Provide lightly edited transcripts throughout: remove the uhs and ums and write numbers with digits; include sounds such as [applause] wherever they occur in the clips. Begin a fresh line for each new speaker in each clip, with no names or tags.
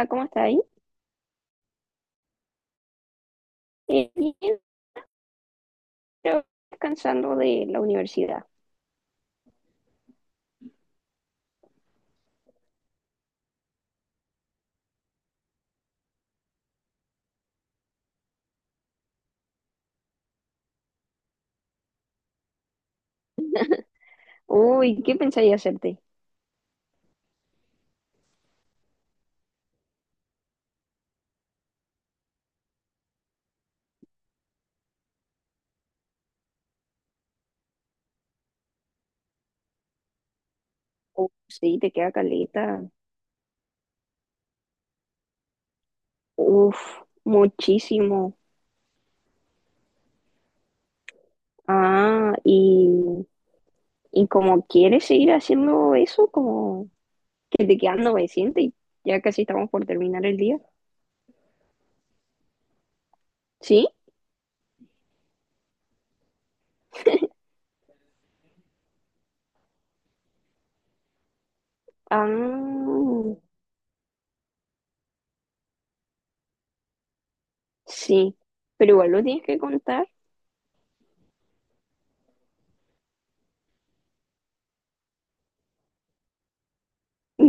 Hola, ¿cómo estáis? Bien, pero descansando de la universidad. Uy, ¿qué pensáis hacerte? Uf, sí, te queda caleta. Uf, muchísimo. Ah, y como quieres seguir haciendo eso, como que te quedan 900 y ya casi estamos por terminar el día. ¿Sí? Ah, sí, pero igual lo tienes que contar.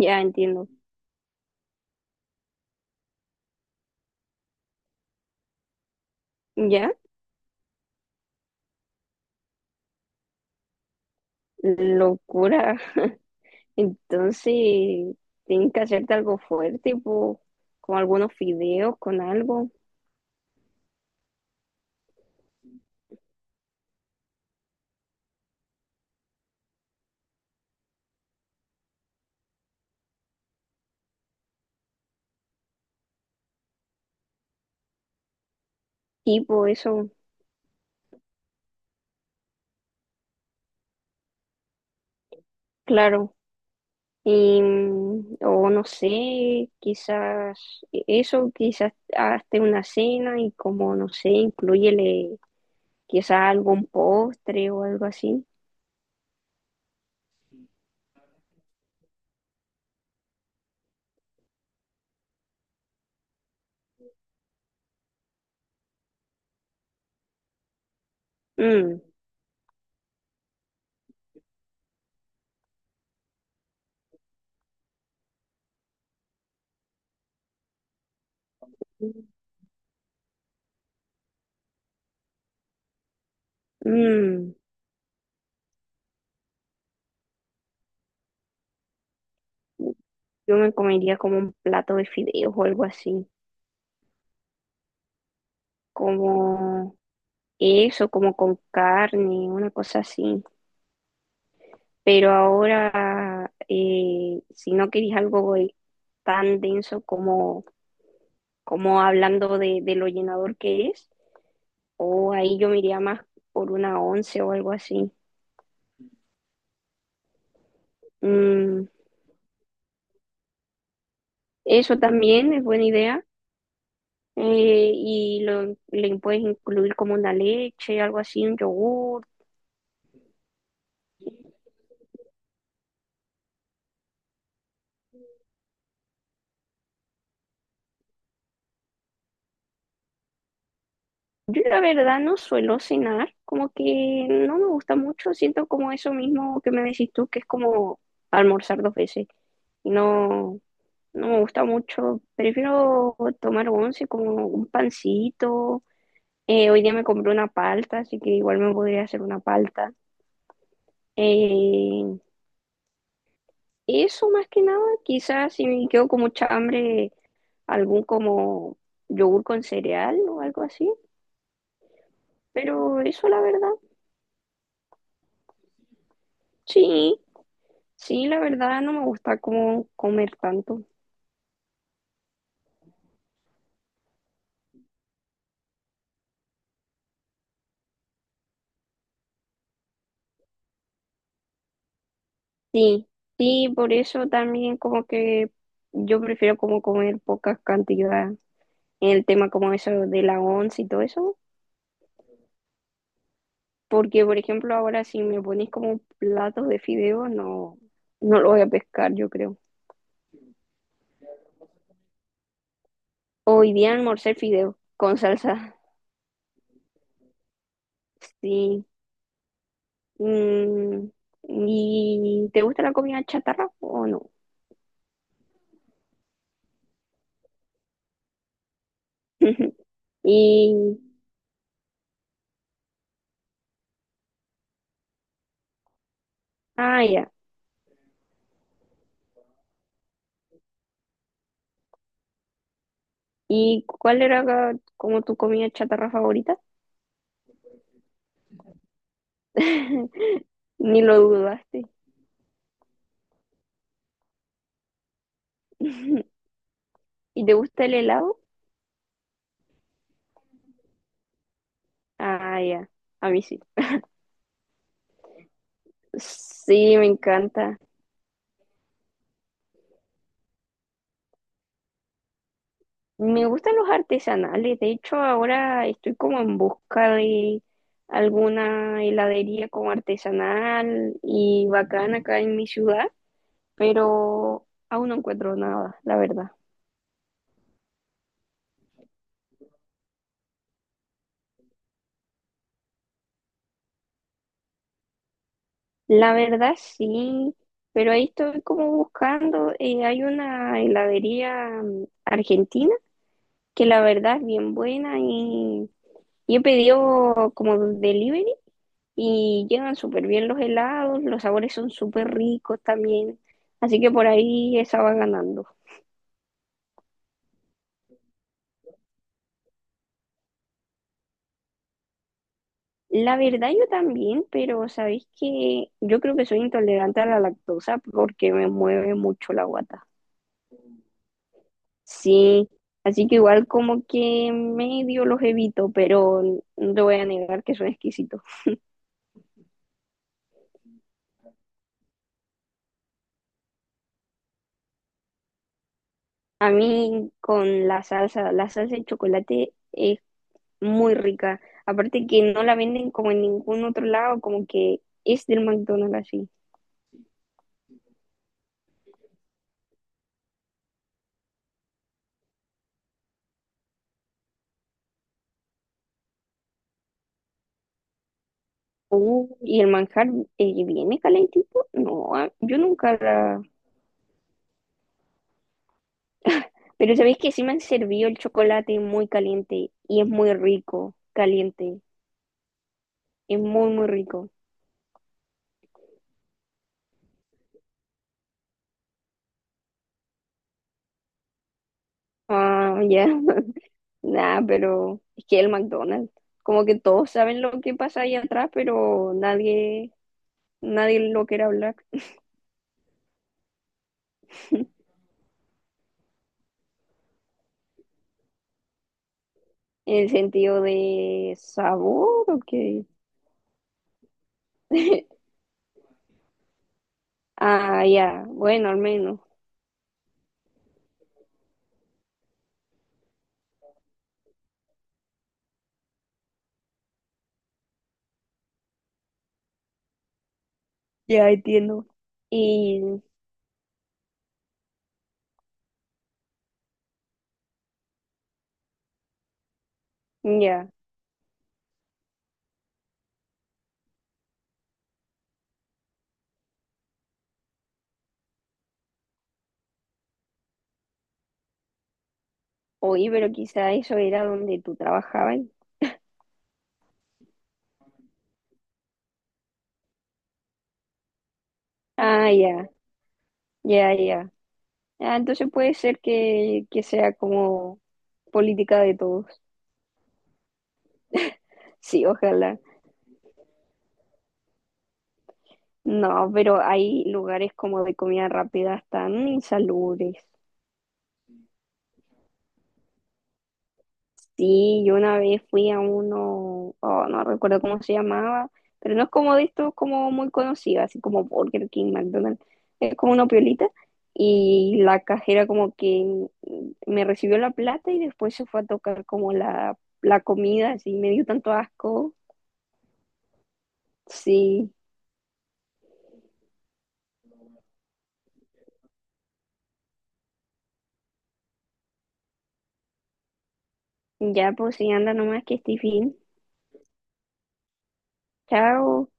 Ya entiendo. Ya, locura. [laughs] Entonces, tienes que hacerte algo fuerte, po, con algunos fideos, con algo, tipo eso, claro. Y, o no sé, quizás eso, quizás hazte una cena y como, no sé, incluyele quizás algún postre o algo así. Mm, mm, Yo me comería como un plato de fideos o algo así, como eso, como con carne, una cosa así. Pero ahora, si no queréis algo tan denso como, como hablando de lo llenador que es, o ahí yo me iría más por una once o algo así. Mm, eso también es buena idea. Y le puedes incluir como una leche, algo así, un yogur. Yo la verdad no suelo cenar, como que no me gusta mucho, siento como eso mismo que me decís tú, que es como almorzar dos veces. Y no, no me gusta mucho, prefiero tomar once como un pancito. Hoy día me compré una palta, así que igual me podría hacer una palta. Eh, Eso más que nada, quizás si me quedo con mucha hambre, algún como yogur con cereal o algo así, pero eso la verdad, sí. Sí, la verdad no me gusta como comer tanto. Sí, sí, por eso también como que yo prefiero como comer pocas cantidades. En el tema como eso de la once y todo eso, porque por ejemplo ahora si me pones como platos de fideo, no, no lo voy a pescar, yo creo. Hoy día almorcé fideo con salsa. [laughs] Sí. Mm, ¿y te gusta la comida chatarra o no? [laughs] Y, ah, ya. ¿Y cuál era ca- como tu comida chatarra favorita? [laughs] Ni lo dudaste. [laughs] ¿Y te gusta el helado? Ah, ya, a mí sí. Sí, me encanta. Me gustan los artesanales. De hecho, ahora estoy como en busca de alguna heladería como artesanal y bacana acá en mi ciudad, pero aún no encuentro nada, la verdad. La verdad sí, pero ahí estoy como buscando, hay una heladería, argentina, que la verdad es bien buena y he pedido como delivery y llegan súper bien los helados, los sabores son súper ricos también, así que por ahí esa va ganando. La verdad yo también, pero sabéis que yo creo que soy intolerante a la lactosa porque me mueve mucho la guata. Sí, así que igual como que medio los evito, pero no te voy a negar que son exquisitos. A mí con la salsa de chocolate es muy rica. Aparte que no la venden como en ningún otro lado, como que es del McDonald's así. Y el manjar viene calentito. No, ah, yo nunca la... Pero sabéis que sí me han servido el chocolate muy caliente y es muy rico, caliente. Es muy, muy rico. Ah, ya. [laughs] Nah, pero es que el McDonald's, como que todos saben lo que pasa ahí atrás, pero nadie, nadie lo quiere hablar. ¿En el sentido de sabor, o qué? [laughs] Ah, ya, bueno, al menos. Ya entiendo. Y ya, oí, pero quizá eso era donde tú trabajabas. Ah, ya, ya, ya. Ah, entonces puede ser que sea como política de todos. Sí, ojalá. No, pero hay lugares como de comida rápida tan insalubres. Sí, yo una vez fui a uno, oh, no recuerdo cómo se llamaba, pero no es como de estos como muy conocido, así como Burger King, McDonald's, es como una piolita y la cajera como que me recibió la plata y después se fue a tocar como la comida, así me dio tanto asco. Sí, ya pues sí, anda nomás que estoy bien. Chao.